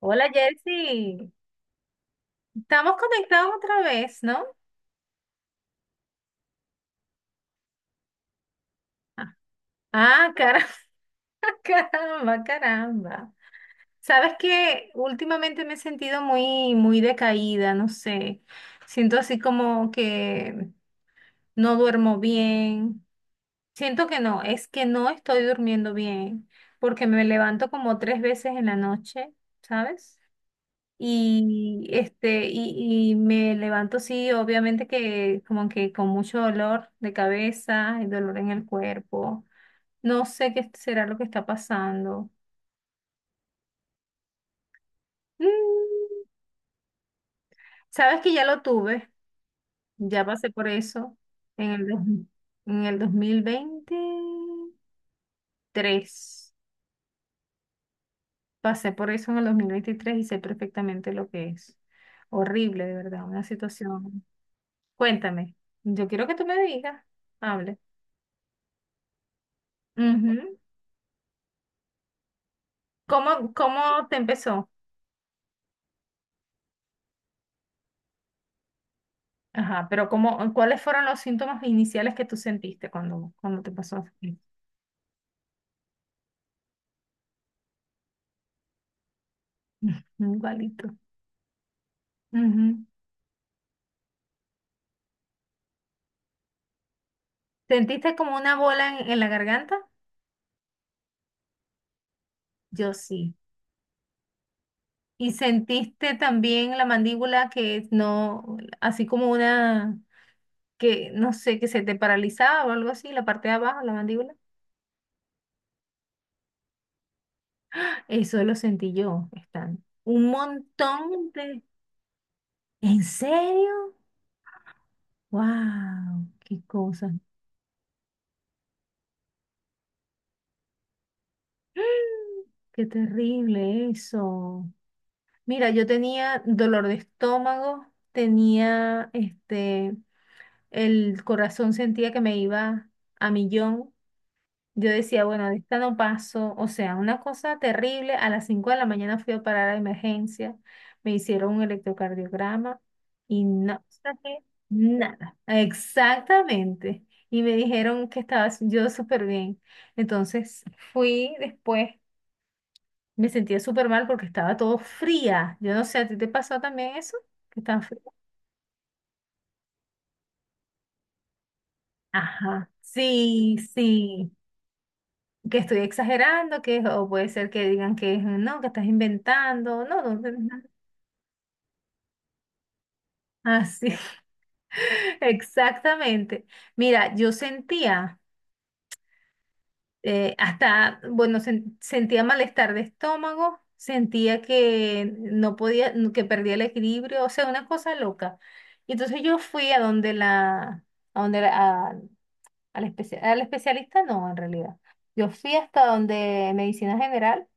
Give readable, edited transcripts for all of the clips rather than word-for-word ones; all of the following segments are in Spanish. Hola Jersey, estamos conectados otra vez, ¿no? Ah, caramba, caramba, caramba. Sabes que últimamente me he sentido muy, muy decaída, no sé. Siento así como que no duermo bien. Siento que no, es que no estoy durmiendo bien, porque me levanto como tres veces en la noche, ¿sabes? Y me levanto, sí, obviamente que como que con mucho dolor de cabeza y dolor en el cuerpo. No sé qué será lo que está pasando. Mm, sabes que ya lo tuve, ya pasé por eso en el, dos- en el 2023. Pasé por eso en el 2023 y sé perfectamente lo que es. Horrible, de verdad, una situación. Cuéntame, yo quiero que tú me digas, hable. Ujú. ¿Cómo te empezó? Ajá, pero cómo, ¿cuáles fueron los síntomas iniciales que tú sentiste cuando te pasó? Igualito. Ujú. ¿Sentiste como una bola en la garganta? Yo sí. ¿Y sentiste también la mandíbula que no, así como una, que no sé, que se te paralizaba o algo así, la parte de abajo, la mandíbula? Eso lo sentí yo, están. Un montón de. ¿En serio? ¡Wow! ¡Qué cosa! Qué terrible eso. Mira, yo tenía dolor de estómago, tenía el corazón sentía que me iba a millón. Yo decía, bueno, de esta no paso. O sea, una cosa terrible. A las 5 de la mañana fui a parar a emergencia. Me hicieron un electrocardiograma y no saqué nada. Exactamente. Y me dijeron que estaba yo súper bien. Entonces fui después me sentía súper mal porque estaba todo fría. Yo no sé, ¿a ti te pasó también eso? ¿Qué tan fría? Ajá. Sí, sí. Que estoy exagerando, que o puede ser que digan que no, que estás inventando. No, no, no, no. Así. Exactamente. Mira, yo sentía hasta, bueno, sentía malestar de estómago, sentía que no podía, que perdía el equilibrio, o sea, una cosa loca. Y entonces yo fui a donde la, al especialista no, en realidad. Yo fui hasta donde medicina general.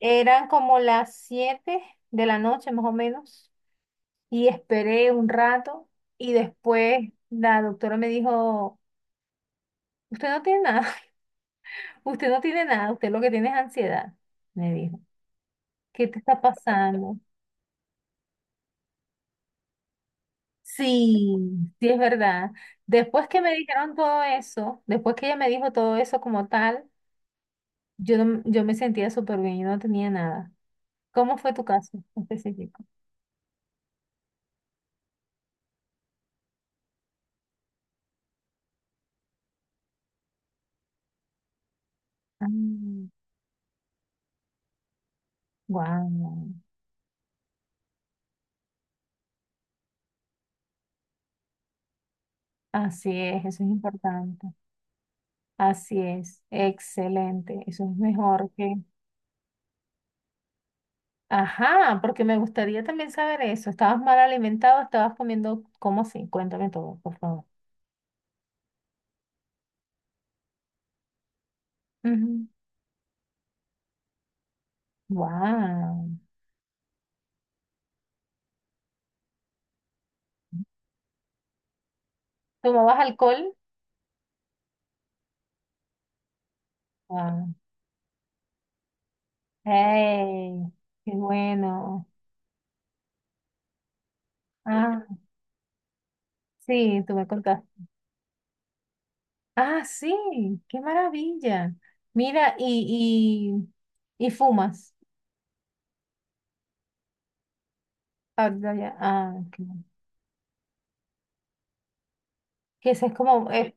Eran como las 7 de la noche más o menos. Y esperé un rato. Y después la doctora me dijo, usted no tiene nada, usted no tiene nada, usted lo que tiene es ansiedad. Me dijo, ¿qué te está pasando? Sí, sí es verdad. Después que me dijeron todo eso, después que ella me dijo todo eso como tal, yo, no- yo me sentía súper bien, yo no tenía nada. ¿Cómo fue tu caso específico? Wow. Así es, eso es importante. Así es, excelente. Eso es mejor que. Ajá, porque me gustaría también saber eso. ¿Estabas mal alimentado? ¿Estabas comiendo? ¿Cómo así? Cuéntame todo, por favor. Wow. ¿Tomabas alcohol? Wow. ¡Hey! ¡Qué bueno! Ah, sí, tú me contaste. Ah, sí, qué maravilla. Mira, y fumas. Ah, ya, ya, ah, ok. Que eso es como,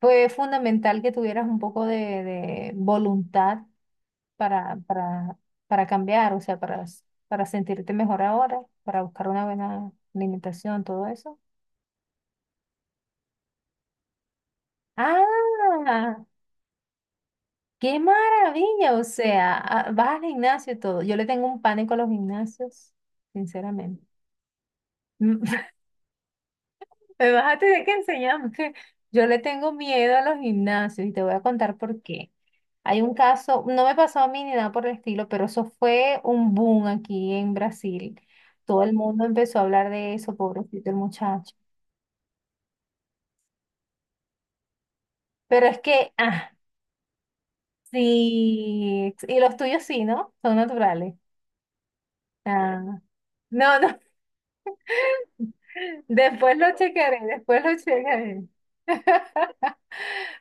fue fundamental que tuvieras un poco de voluntad para, para, para cambiar, o sea, para sentirte mejor ahora, para buscar una buena alimentación, todo eso. Ah, qué maravilla, o sea, ah, vas al gimnasio y todo. Yo le tengo un pánico a los gimnasios, sinceramente. M- Me vas a tener que enseñar porque yo le tengo miedo a los gimnasios y te voy a contar por qué. Hay un caso, no me pasó a mí ni nada por el estilo, pero eso fue un boom aquí en Brasil. Todo el mundo empezó a hablar de eso, pobrecito el muchacho. Pero es que, ah, sí, y los tuyos sí, ¿no? Son naturales. Ah, no, no, después lo chequearé, después lo chequearé.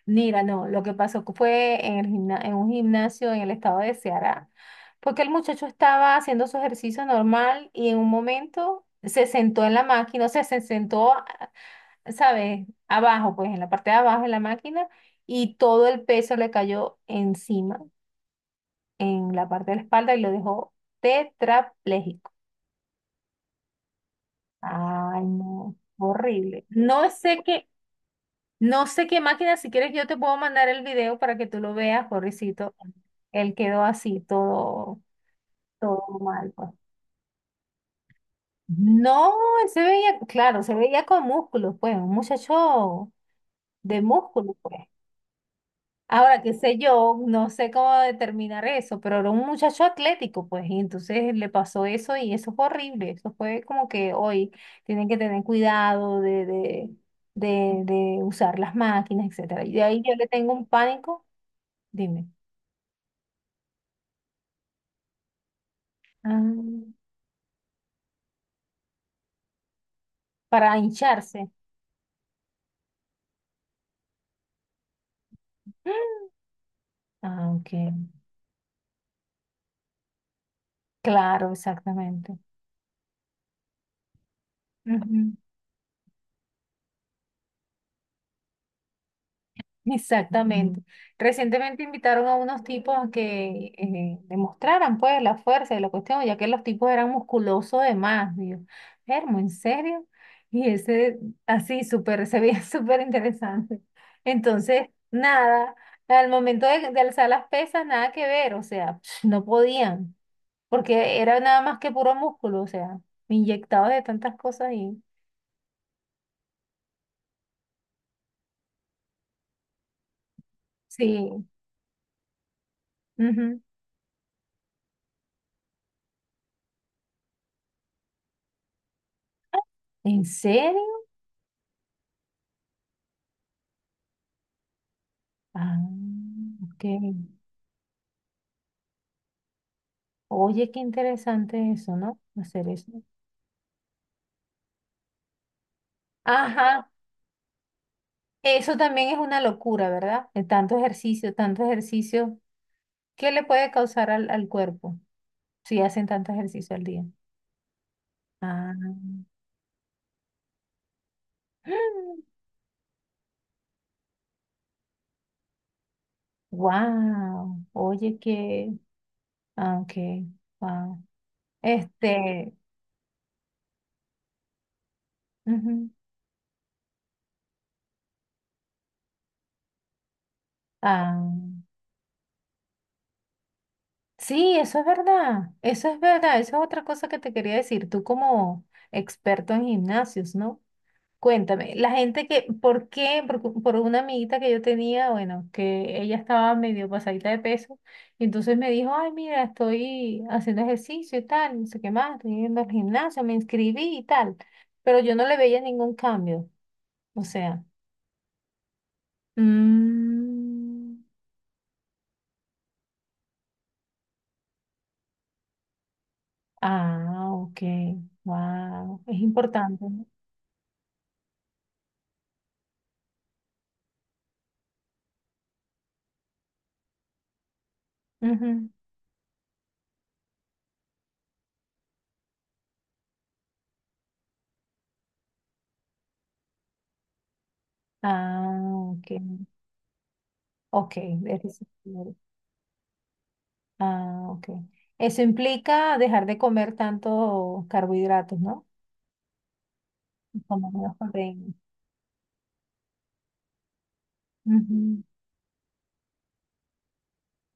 Mira, no, lo que pasó fue en un gimnasio en el estado de Ceará, porque el muchacho estaba haciendo su ejercicio normal y en un momento se sentó en la máquina, o sea, se sentó, ¿sabes? Abajo, pues en la parte de abajo de la máquina y todo el peso le cayó encima, en la parte de la espalda y lo dejó tetrapléjico. Ay, no, horrible. No sé qué. No sé qué máquina, si quieres yo te puedo mandar el video para que tú lo veas, pobrecito. Él quedó así, todo mal, pues. No, él se veía, claro, se veía con músculos, pues, un muchacho de músculos, pues. Ahora, qué sé yo, no sé cómo determinar eso, pero era un muchacho atlético, pues, y entonces le pasó eso y eso fue horrible. Eso fue como que hoy tienen que tener cuidado de usar las máquinas, etcétera. Y de ahí yo le tengo un pánico, dime. Ah, para hincharse. Ah, ok. Claro, exactamente. Ujú, exactamente. Recientemente invitaron a unos tipos a que demostraran pues la fuerza de la cuestión, ya que los tipos eran musculosos de más. Digo, Hermo, ¿en serio? Y ese así súper, se veía súper interesante. Entonces, nada, al momento de alzar las pesas, nada que ver, o sea, no podían. Porque era nada más que puro músculo, o sea, inyectado de tantas cosas y sí. Ujú. ¿En serio? Ah, ok. Oye, qué interesante eso, ¿no? Hacer eso. Ajá, eso también es una locura, ¿verdad? De tanto ejercicio, ¿qué le puede causar al cuerpo si hacen tanto ejercicio al día? Ah, wow, oye, qué, ah, ok, wow. Este, Ujú, ah. Sí, eso es verdad, eso es verdad, eso es otra cosa que te quería decir, tú como experto en gimnasios, ¿no? Cuéntame, la gente que, ¿por qué? Por una amiguita que yo tenía, bueno, que ella estaba medio pasadita de peso, y entonces me dijo, ay, mira, estoy haciendo ejercicio y tal, no sé qué más, estoy yendo al gimnasio, me inscribí y tal, pero yo no le veía ningún cambio, o sea, mm, ah, ok, wow, es importante, ¿no? Ujú. Ah, ok. Ok, eres ingeniero. Ah, ok. Eso implica dejar de comer tantos carbohidratos, ¿no? Y comer menos proteínas. Ujú,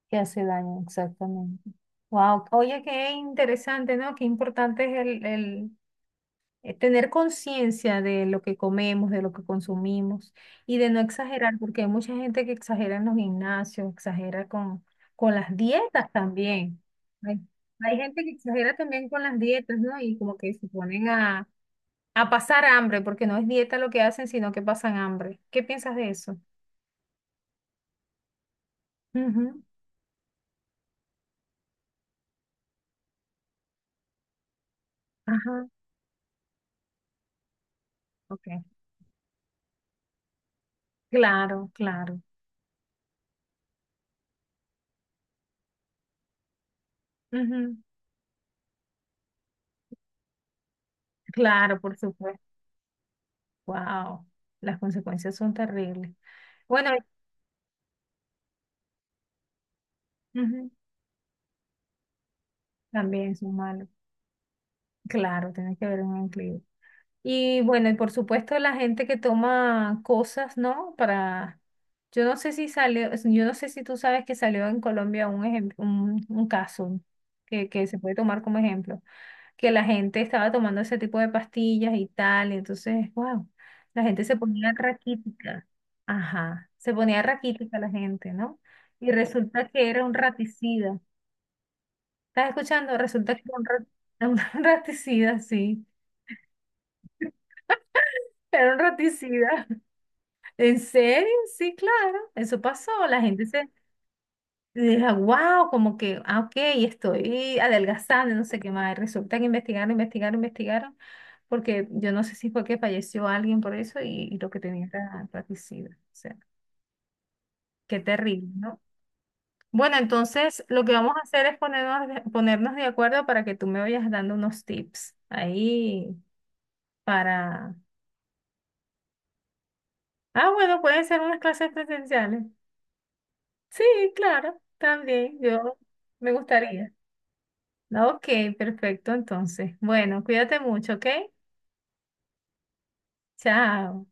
que hace daño, exactamente. Wow. Oye, qué interesante, ¿no? Qué importante es el, tener conciencia de lo que comemos, de lo que consumimos y de no exagerar, porque hay mucha gente que exagera en los gimnasios, exagera con las dietas también. Hay, hay gente que exagera también con las dietas, ¿no? Y como que se ponen a pasar hambre, porque no es dieta lo que hacen, sino que pasan hambre. ¿Qué piensas de eso? Ujú, ajá, ok. Claro, claro. Ujú, claro, por supuesto. Wow, las consecuencias son terribles. Bueno, ujú. También son malos. Claro, tiene que haber un equilibrio. Y bueno, y por supuesto la gente que toma cosas, ¿no? Para, yo no sé si salió, yo no sé si tú sabes que salió en Colombia un caso que se puede tomar como ejemplo, que la gente estaba tomando ese tipo de pastillas y tal, y entonces, wow, la gente se ponía raquítica. Ajá, se ponía raquítica la gente, ¿no? Y resulta que era un raticida. ¿Estás escuchando? Resulta que era un raticida, sí. Era un raticida. ¿En serio? Sí, claro. Eso pasó. La gente se deja, wow, como que, ah, ok, estoy adelgazando, no sé qué más. Resulta que investigaron, investigaron, investigaron, porque yo no sé si fue que falleció alguien por eso y lo que tenía era raticida. O sea, qué terrible, ¿no? Bueno, entonces lo que vamos a hacer es ponernos, ponernos de acuerdo para que tú me vayas dando unos tips ahí para. Ah, bueno, pueden ser unas clases presenciales. Sí, claro, también, yo me gustaría. Ok, perfecto, entonces. Bueno, cuídate mucho, ¿ok? Chao.